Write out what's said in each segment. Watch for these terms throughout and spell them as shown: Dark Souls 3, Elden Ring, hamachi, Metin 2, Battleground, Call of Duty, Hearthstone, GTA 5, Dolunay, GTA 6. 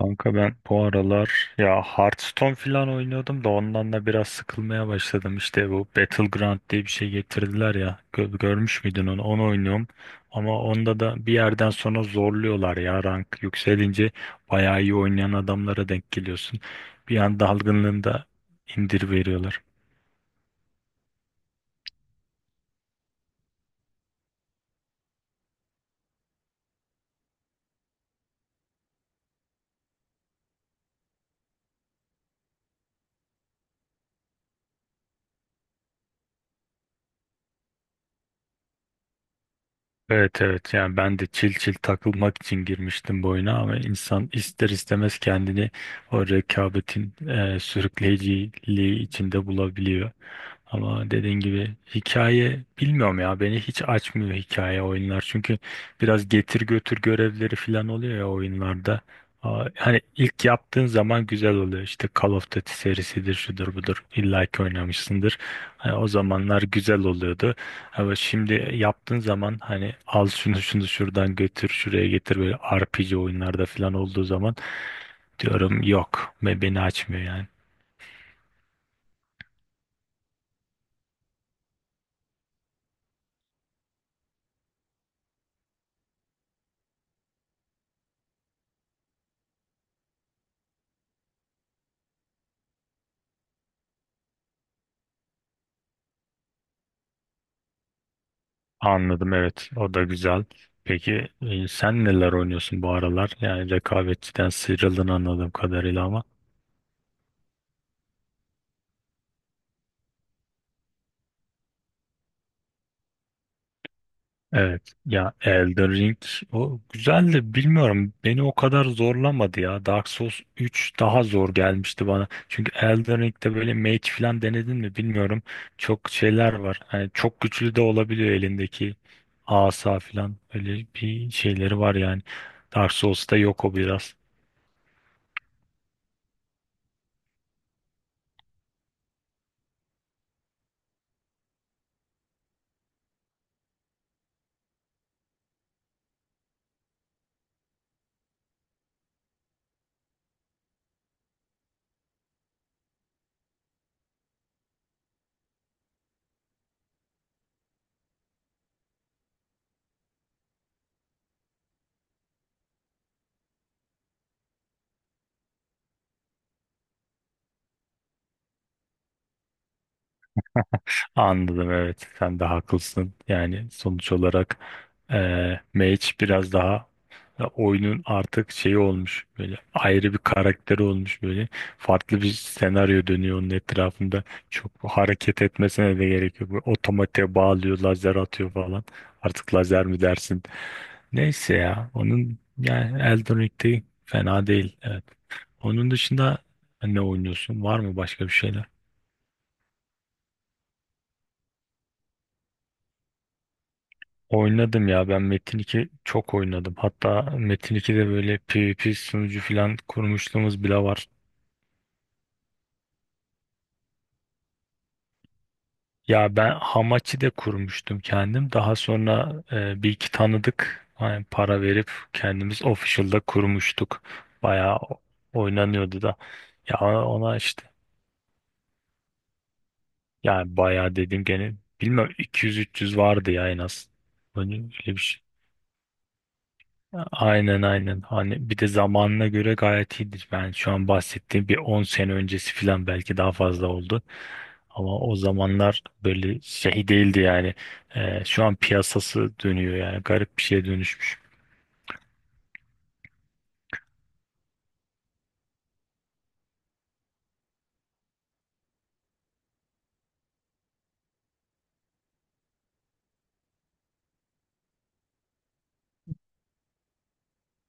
Kanka ben bu aralar ya Hearthstone falan oynuyordum da ondan da biraz sıkılmaya başladım. İşte bu Battleground diye bir şey getirdiler ya. Görmüş müydün onu? Onu oynuyorum. Ama onda da bir yerden sonra zorluyorlar ya rank yükselince bayağı iyi oynayan adamlara denk geliyorsun. Bir an dalgınlığında indir veriyorlar. Evet evet, yani ben de çil çil takılmak için girmiştim bu oyuna, ama insan ister istemez kendini o rekabetin sürükleyiciliği içinde bulabiliyor. Ama dediğin gibi hikaye bilmiyorum ya, beni hiç açmıyor hikaye oyunlar, çünkü biraz getir götür görevleri falan oluyor ya oyunlarda. Hani ilk yaptığın zaman güzel oluyor, işte Call of Duty serisidir şudur budur, illa ki oynamışsındır. Hani o zamanlar güzel oluyordu. Ama şimdi yaptığın zaman hani al şunu şunu şuradan götür şuraya getir, böyle RPG oyunlarda falan olduğu zaman diyorum yok, ve beni açmıyor yani. Anladım, evet, o da güzel. Peki sen neler oynuyorsun bu aralar? Yani rekabetçiden sıyrıldın anladığım kadarıyla ama. Evet ya, Elden Ring o güzeldi, bilmiyorum beni o kadar zorlamadı ya. Dark Souls 3 daha zor gelmişti bana, çünkü Elden Ring'de böyle mage falan denedin mi bilmiyorum, çok şeyler var hani, çok güçlü de olabiliyor elindeki asa falan, öyle bir şeyleri var yani. Dark Souls'ta yok o biraz. Anladım evet, sen de haklısın. Yani sonuç olarak mage biraz daha, ya oyunun artık şeyi olmuş, böyle ayrı bir karakteri olmuş, böyle farklı bir senaryo dönüyor onun etrafında, çok hareket etmesine de gerek yok, böyle otomatiğe bağlıyor, lazer atıyor falan. Artık lazer mi dersin, neyse ya. Onun yani Elden Ring'de fena değil, evet. Onun dışında ne oynuyorsun, var mı başka bir şeyler? Oynadım ya, ben Metin 2 çok oynadım. Hatta Metin 2'de böyle PvP sunucu falan kurmuşluğumuz bile var. Ya ben hamachi de kurmuştum kendim. Daha sonra bir iki tanıdık hani, para verip kendimiz official'da kurmuştuk. Bayağı oynanıyordu da. Ya ona işte, yani bayağı dedim gene, bilmem 200-300 vardı ya en az. Öyle öyle bir şey. Aynen aynen. Hani bir de zamanına göre gayet iyidir. Ben şu an bahsettiğim bir 10 sene öncesi falan, belki daha fazla oldu. Ama o zamanlar böyle şey değildi yani. Şu an piyasası dönüyor yani, garip bir şeye dönüşmüş.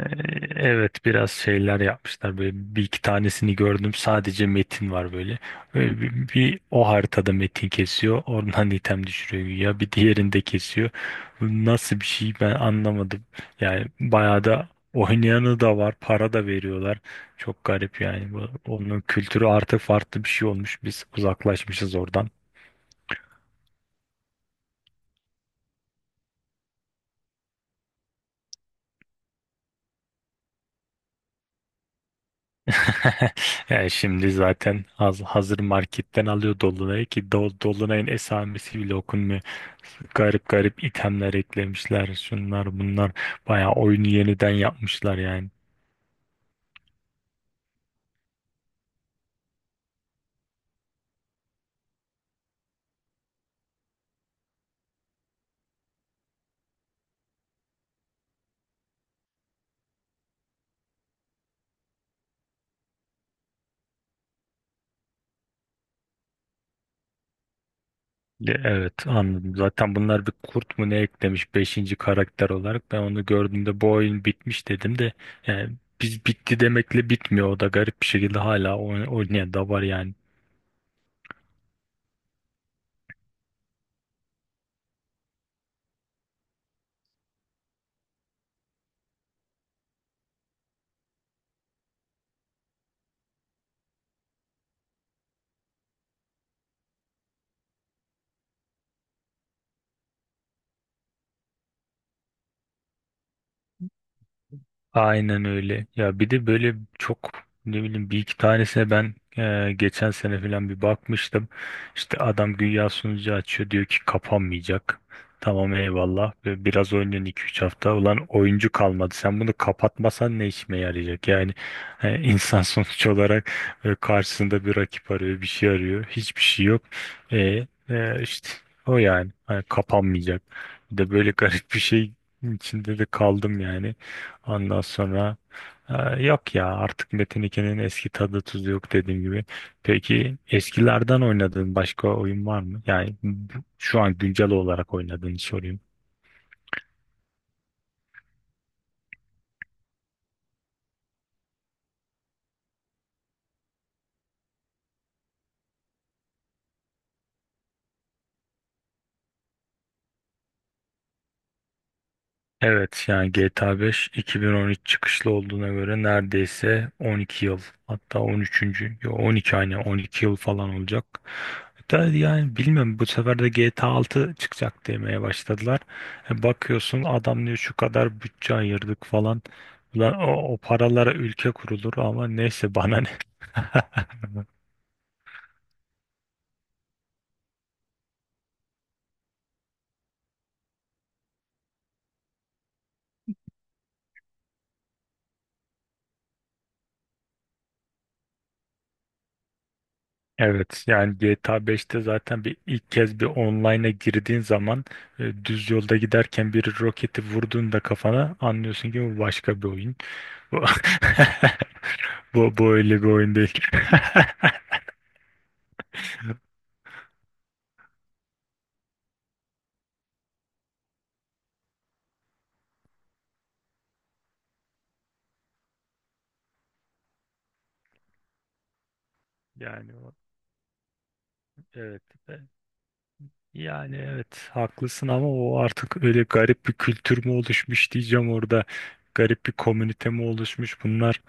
Ee, Evet biraz şeyler yapmışlar, böyle bir iki tanesini gördüm, sadece metin var böyle. Böyle bir o haritada metin kesiyor, oradan item düşürüyor ya, bir diğerinde kesiyor. Bu nasıl bir şey ben anlamadım. Yani bayağı da oynayanı da var, para da veriyorlar. Çok garip yani bu, onun kültürü artık farklı bir şey olmuş, biz uzaklaşmışız oradan. Yani şimdi zaten hazır marketten alıyor Dolunay'ı, ki Dolunay'ın esamesi bile okunmuyor. Garip garip itemler eklemişler, şunlar bunlar. Bayağı oyunu yeniden yapmışlar yani. Ya evet, anladım. Zaten bunlar bir kurt mu ne eklemiş, beşinci karakter olarak. Ben onu gördüğümde bu oyun bitmiş dedim de, yani biz bitti demekle bitmiyor. O da garip bir şekilde hala oynayan da var yani. Aynen öyle. Ya bir de böyle çok, ne bileyim, bir iki tanesine ben geçen sene falan bir bakmıştım. İşte adam güya sunucu açıyor, diyor ki kapanmayacak. Tamam eyvallah. Ve biraz oynuyorsun 2-3 hafta. Ulan oyuncu kalmadı. Sen bunu kapatmasan ne işime yarayacak? Yani insan sonuç olarak karşısında bir rakip arıyor, bir şey arıyor. Hiçbir şey yok. E, işte o yani. Hani kapanmayacak. Bir de böyle garip bir şey içinde de kaldım yani. Ondan sonra yok ya, artık Metin 2'nin eski tadı tuzu yok, dediğim gibi. Peki eskilerden oynadığın başka oyun var mı? Yani şu an güncel olarak oynadığını sorayım. Evet yani GTA 5 2013 çıkışlı olduğuna göre neredeyse 12 yıl, hatta 13. Yo, 12, aynı 12 yıl falan olacak. Da yani bilmiyorum, bu sefer de GTA 6 çıkacak demeye başladılar. Bakıyorsun adam diyor şu kadar bütçe ayırdık falan. Ulan o paralara ülke kurulur, ama neyse bana ne. Evet yani GTA 5'te zaten bir ilk kez bir online'a girdiğin zaman düz yolda giderken bir roketi vurduğunda kafana, anlıyorsun ki bu başka bir oyun. Bu, bu öyle bir oyun değil. Yani evet. Yani evet haklısın, ama o artık öyle garip bir kültür mü oluşmuş diyeceğim orada. Garip bir komünite mi oluşmuş bunlar.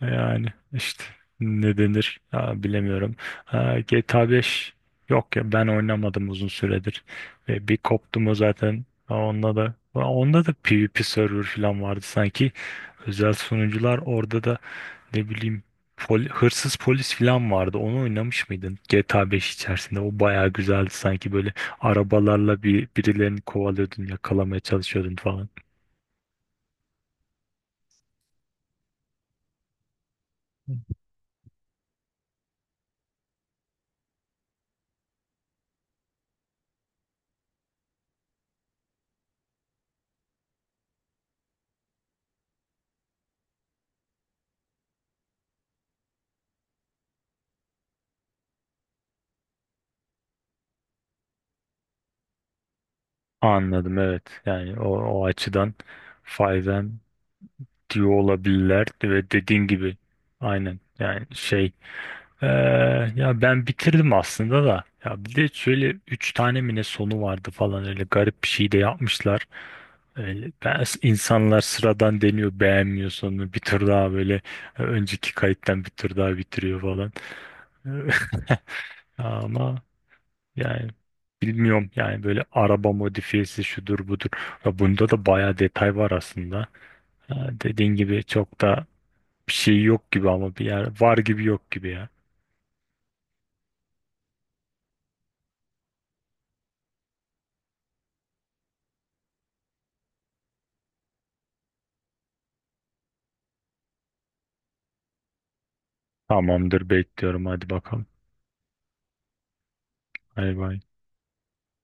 Yani işte, ne denir ya, bilemiyorum. Ha, GTA 5, yok ya ben oynamadım uzun süredir. Ve bir koptum o zaten. Ha, Onda da PvP server falan vardı sanki. Özel sunucular orada da, ne bileyim, hırsız polis falan vardı. Onu oynamış mıydın? GTA 5 içerisinde o bayağı güzeldi sanki, böyle arabalarla bir birilerini kovalıyordun, yakalamaya çalışıyordun falan. Anladım evet. Yani o açıdan 5M diyor olabilirler, ve dediğin gibi aynen yani şey. Ee, Ya ben bitirdim aslında da. Ya bir de şöyle üç tane mi ne sonu vardı falan, öyle garip bir şey de yapmışlar. Öyle, insanlar sıradan deniyor, beğenmiyor sonunu, bir tur daha böyle önceki kayıttan bir tur daha bitiriyor falan. Ama yani bilmiyorum, yani böyle araba modifiyesi şudur budur. Ya bunda da bayağı detay var aslında. Ha, dediğin gibi çok da bir şey yok gibi, ama bir yer var gibi yok gibi ya. Tamamdır, bekliyorum, hadi bakalım. Bay bay.